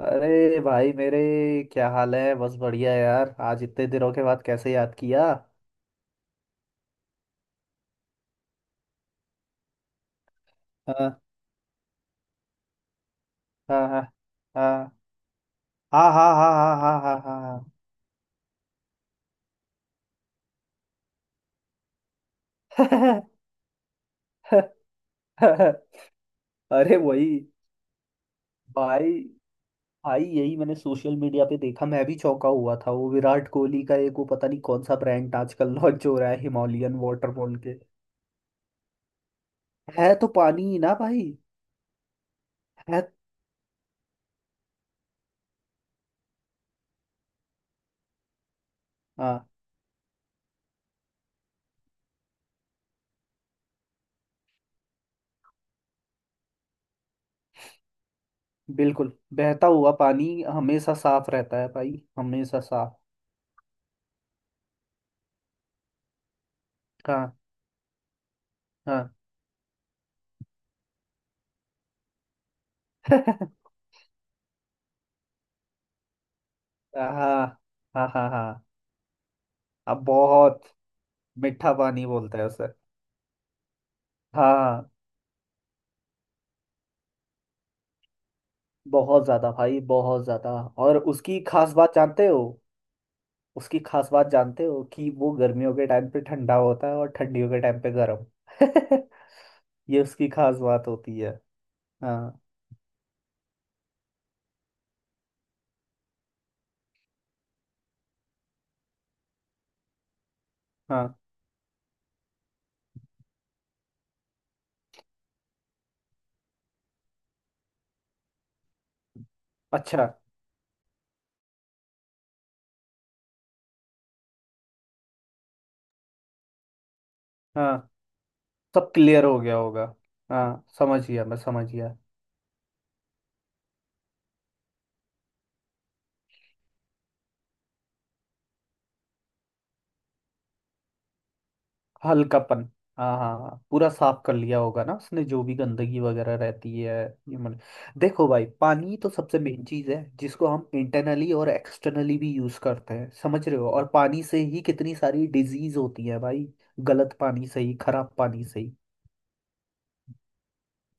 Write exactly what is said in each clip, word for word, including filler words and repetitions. अरे भाई मेरे, क्या हाल है? बस बढ़िया यार। आज इतने दिनों के बाद कैसे याद किया? हाँ, हाँ, हाँ, हाँ, हाँ, हाँ, हाँ, हाँ, हाँ, हाँ, हाँ। अरे वही भाई भाई यही मैंने सोशल मीडिया पे देखा। मैं भी चौंका हुआ था। वो विराट कोहली का एक, वो पता नहीं कौन सा ब्रांड आजकल लॉन्च हो रहा है हिमालयन वाटर बोल के। है तो पानी ही ना भाई। है। हाँ, बिल्कुल। बहता हुआ पानी हमेशा साफ रहता है भाई। हमेशा साफ। हाँ, हाँ। हाँ, हाँ, हाँ, हाँ। अब बहुत मीठा पानी बोलते हैं उसे। हाँ, हाँ, बहुत ज्यादा भाई, बहुत ज्यादा। और उसकी खास बात जानते हो? उसकी खास बात जानते हो कि वो गर्मियों के टाइम पे ठंडा होता है और ठंडियों के टाइम पे गर्म। ये उसकी खास बात होती है। हाँ, हाँ। अच्छा। हाँ, सब क्लियर हो गया होगा। हाँ समझ गया, मैं समझ गया। हल्कापन। हाँ, हाँ, हाँ, पूरा साफ कर लिया होगा ना उसने जो भी गंदगी वगैरह रहती है। ह्यूमन। देखो भाई, पानी तो सबसे मेन चीज़ है जिसको हम इंटरनली और एक्सटर्नली भी यूज़ करते हैं, समझ रहे हो? और पानी से ही कितनी सारी डिजीज होती है भाई। गलत पानी से ही, खराब पानी से ही।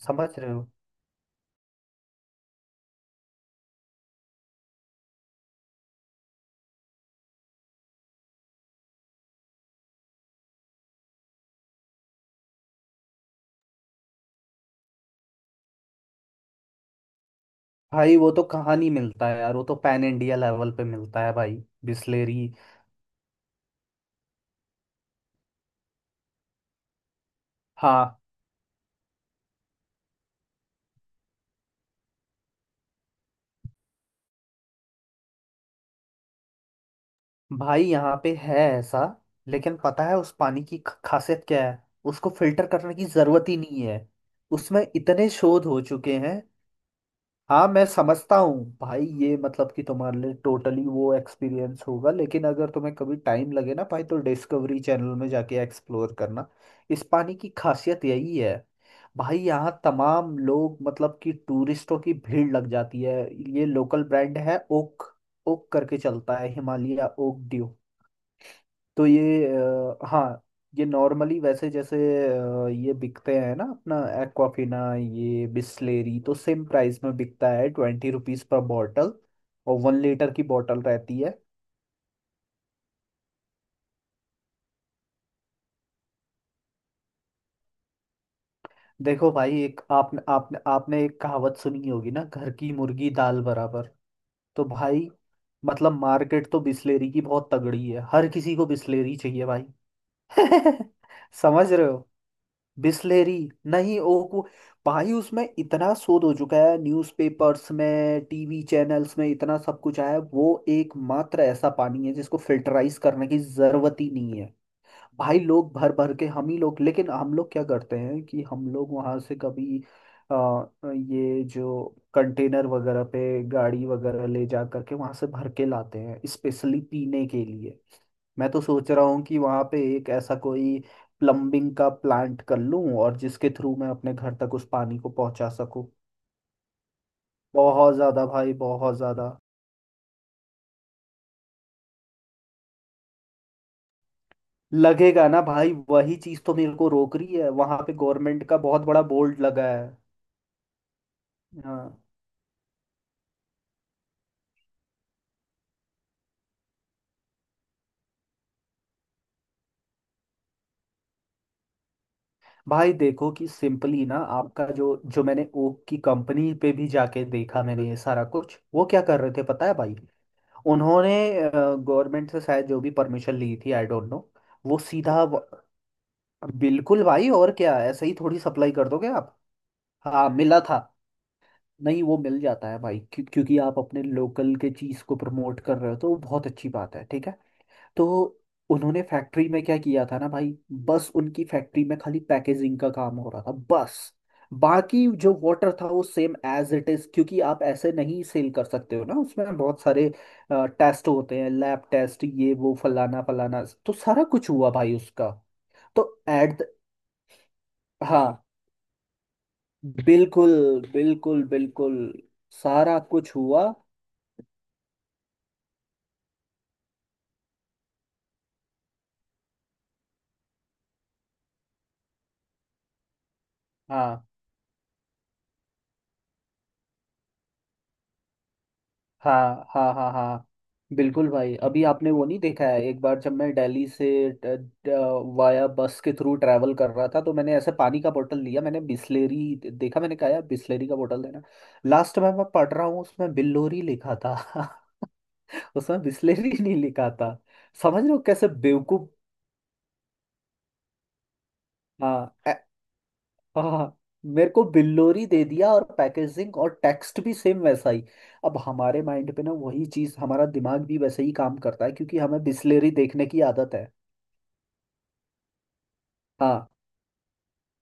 समझ रहे हो? भाई वो तो कहाँ नहीं मिलता है यार, वो तो पैन इंडिया लेवल पे मिलता है भाई, बिस्लेरी। हाँ भाई, यहाँ पे है ऐसा। लेकिन पता है उस पानी की ख- खासियत क्या है? उसको फिल्टर करने की जरूरत ही नहीं है। उसमें इतने शोध हो चुके हैं। हाँ, मैं समझता हूँ भाई, ये मतलब कि तुम्हारे लिए टोटली वो एक्सपीरियंस होगा, लेकिन अगर तुम्हें कभी टाइम लगे ना भाई तो डिस्कवरी चैनल में जाके एक्सप्लोर करना। इस पानी की खासियत यही है। भाई, यहाँ तमाम लोग मतलब कि टूरिस्टों की भीड़ लग जाती है। ये लोकल ब्रांड है ओक। ओक करके चलता है, हिमालय ओक ड्यू। तो ये अ, हाँ, ये नॉर्मली वैसे जैसे अ, ये बिकते हैं ना, अपना एक्वाफिना, ये बिस्लेरी तो सेम प्राइस में बिकता है, ट्वेंटी रुपीज़ पर बॉटल। और वन लीटर की बॉटल रहती है। देखो भाई, एक आपने आपने आपने एक कहावत सुनी होगी ना, घर की मुर्गी दाल बराबर। तो भाई मतलब, मार्केट तो बिस्लेरी की बहुत तगड़ी है, हर किसी को बिस्लेरी चाहिए भाई। समझ रहे हो? बिस्लेरी। नहीं, ओको। भाई उसमें इतना शोध हो चुका है, न्यूज़पेपर्स में, टीवी चैनल्स में इतना सब कुछ आया है। वो एकमात्र ऐसा पानी है जिसको फिल्टराइज करने की जरूरत ही नहीं है। भाई लोग भर भर के, हम ही लोग लेकिन हम लोग क्या करते हैं कि हम लोग वहां से कभी आ, ये जो कंटेनर वगैरह पे गाड़ी वगैरह ले जा करके वहां से भर के लाते हैं स्पेशली पीने के लिए। मैं तो सोच रहा हूँ कि वहाँ पे एक ऐसा कोई प्लम्बिंग का प्लांट कर लूँ, और जिसके थ्रू मैं अपने घर तक उस पानी को पहुँचा सकूँ। बहुत ज़्यादा भाई, बहुत ज़्यादा लगेगा ना भाई, वही चीज़ तो मेरे को रोक रही है, वहाँ पे गवर्नमेंट का बहुत बड़ा बोर्ड लगा है। हाँ भाई, देखो कि सिंपली ना, आपका जो जो मैंने ओक की कंपनी पे भी जाके देखा, मैंने ये सारा कुछ, वो क्या कर रहे थे पता है भाई? उन्होंने गवर्नमेंट से शायद जो भी परमिशन ली थी, आई डोंट नो। वो सीधा व- बिल्कुल भाई, और क्या ऐसे ही थोड़ी सप्लाई कर दोगे आप? हाँ मिला था। नहीं, वो मिल जाता है भाई, क्यों? क्योंकि आप अपने लोकल के चीज़ को प्रमोट कर रहे हो, तो वो बहुत अच्छी बात है, ठीक है। तो उन्होंने फैक्ट्री में क्या किया था ना भाई, बस उनकी फैक्ट्री में खाली पैकेजिंग का काम हो रहा था, बस। बाकी जो वाटर था वो सेम एज इट इज, क्योंकि आप ऐसे नहीं सेल कर सकते हो ना, उसमें बहुत सारे टेस्ट होते हैं, लैब टेस्ट ये वो फलाना फलाना, तो सारा कुछ हुआ भाई उसका। तो एट। हाँ, बिल्कुल, बिल्कुल, बिल्कुल, सारा कुछ हुआ। हाँ, हाँ, हाँ, हाँ, हाँ। बिल्कुल भाई, अभी आपने वो नहीं देखा है। एक बार जब मैं दिल्ली से ड- ड- वाया बस के थ्रू ट्रैवल कर रहा था, तो मैंने ऐसे पानी का बोतल लिया। मैंने बिस्लेरी देखा, मैंने कहा यार बिस्लेरी का बोतल देना। लास्ट में मैं पढ़ रहा हूँ उसमें बिल्लोरी लिखा था। उसमें बिस्लेरी नहीं लिखा था, समझ रहे हो कैसे बेवकूफ? हाँ, हाँ। मेरे को बिल्लोरी दे दिया, और पैकेजिंग और टेक्स्ट भी सेम वैसा ही। अब हमारे माइंड पे ना, वही चीज, हमारा दिमाग भी वैसे ही काम करता है क्योंकि हमें बिस्लेरी देखने की आदत है। हाँ,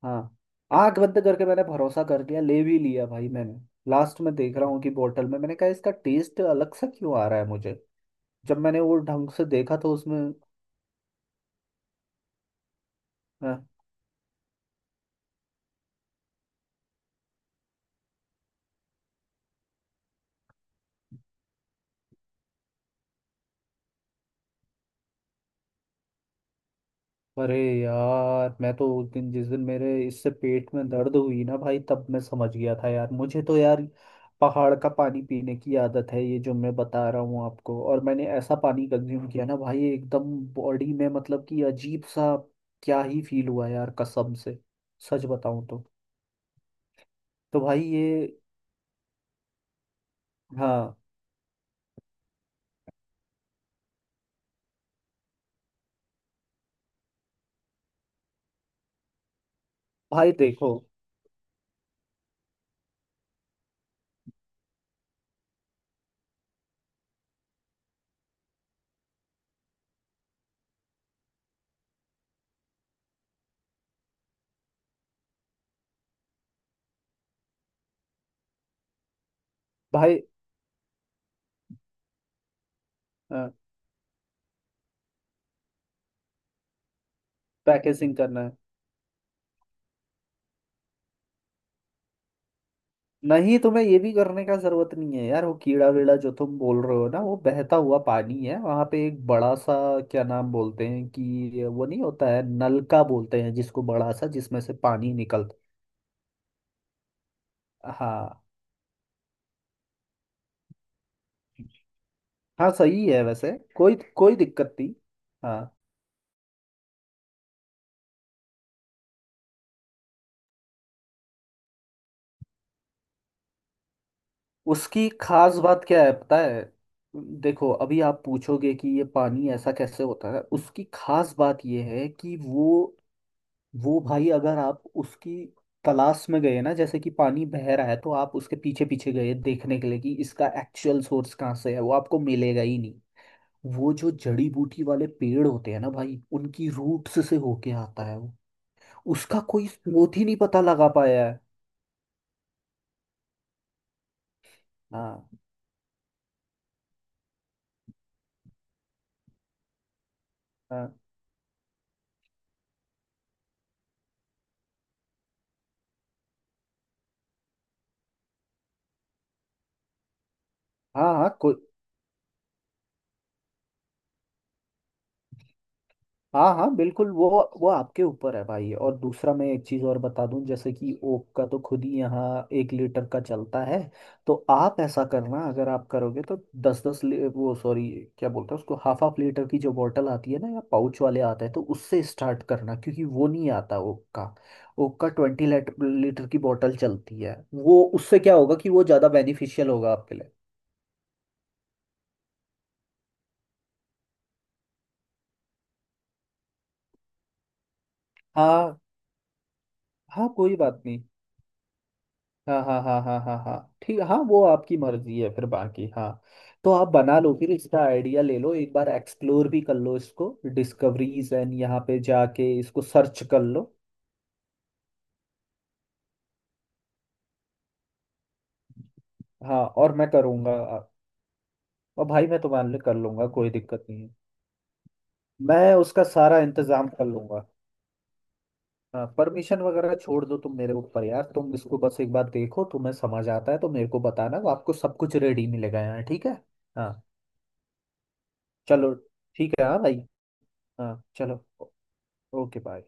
हाँ। आंख बंद करके मैंने भरोसा कर लिया, ले भी लिया भाई मैंने। लास्ट में देख रहा हूँ कि बोतल में, मैंने कहा इसका टेस्ट अलग सा क्यों आ रहा है मुझे? जब मैंने वो ढंग से देखा तो उसमें, हाँ। अरे यार, मैं तो उस दिन जिस दिन मेरे इससे पेट में दर्द हुई ना भाई, तब मैं समझ गया था यार। मुझे तो यार पहाड़ का पानी पीने की आदत है, ये जो मैं बता रहा हूँ आपको, और मैंने ऐसा पानी कंज्यूम किया ना भाई, एकदम बॉडी में मतलब कि अजीब सा क्या ही फील हुआ यार, कसम से। सच बताऊँ तो। तो भाई ये, हाँ भाई देखो भाई, पैकेजिंग करना है। नहीं, तुम्हें ये भी करने का जरूरत नहीं है यार, वो कीड़ा वीड़ा जो तुम बोल रहे हो ना, वो बहता हुआ पानी है। वहां पे एक बड़ा सा क्या नाम बोलते हैं कि वो नहीं होता है, नलका बोलते हैं जिसको, बड़ा सा जिसमें से पानी निकलता। हाँ, हाँ सही है वैसे। कोई कोई दिक्कत नहीं। हाँ। उसकी खास बात क्या है पता है? देखो, अभी आप पूछोगे कि ये पानी ऐसा कैसे होता है। उसकी खास बात ये है कि वो वो भाई, अगर आप उसकी तलाश में गए ना, जैसे कि पानी बह रहा है, तो आप उसके पीछे पीछे गए देखने के लिए कि इसका एक्चुअल सोर्स कहाँ से है, वो आपको मिलेगा ही नहीं। वो जो जड़ी बूटी वाले पेड़ होते हैं ना भाई, उनकी रूट्स से होके आता है वो। उसका कोई स्रोत ही नहीं पता लगा पाया है। हाँ, हाँ, हाँ, हाँ, कोई, हाँ, हाँ, बिल्कुल। वो वो आपके ऊपर है भाई। और दूसरा, मैं एक चीज़ और बता दूं, जैसे कि ओक का तो खुद ही यहाँ एक लीटर का चलता है। तो आप ऐसा करना, अगर आप करोगे तो दस दस, वो सॉरी क्या बोलते हैं उसको, हाफ हाफ लीटर की जो बोतल आती है ना, या पाउच वाले आते हैं, तो उससे स्टार्ट करना, क्योंकि वो नहीं आता ओक का। ओक का ट्वेंटी लीटर की बोतल चलती है वो, उससे क्या होगा कि वो ज़्यादा बेनिफिशियल होगा आपके लिए। हाँ, हाँ कोई बात नहीं। हाँ, हाँ, हाँ, हाँ, हाँ, हाँ, ठीक, हाँ वो आपकी मर्जी है फिर बाकी, हाँ। तो आप बना लो, फिर इसका आइडिया ले लो, एक बार एक्सप्लोर भी कर लो इसको, डिस्कवरीज एंड यहाँ पे जाके इसको सर्च कर लो। हाँ और मैं करूँगा। और भाई मैं तुम्हारे लिए कर लूँगा, कोई दिक्कत नहीं है। मैं उसका सारा इंतजाम कर लूँगा। हाँ, परमिशन वगैरह छोड़ दो तुम मेरे ऊपर यार, तुम इसको बस एक बार देखो, तुम्हें समझ आता है तो मेरे को बताना, वो आपको सब कुछ रेडी मिलेगा यहाँ, ठीक है। हाँ चलो, ठीक है हाँ भाई। हाँ चलो, ओ- ओके बाय।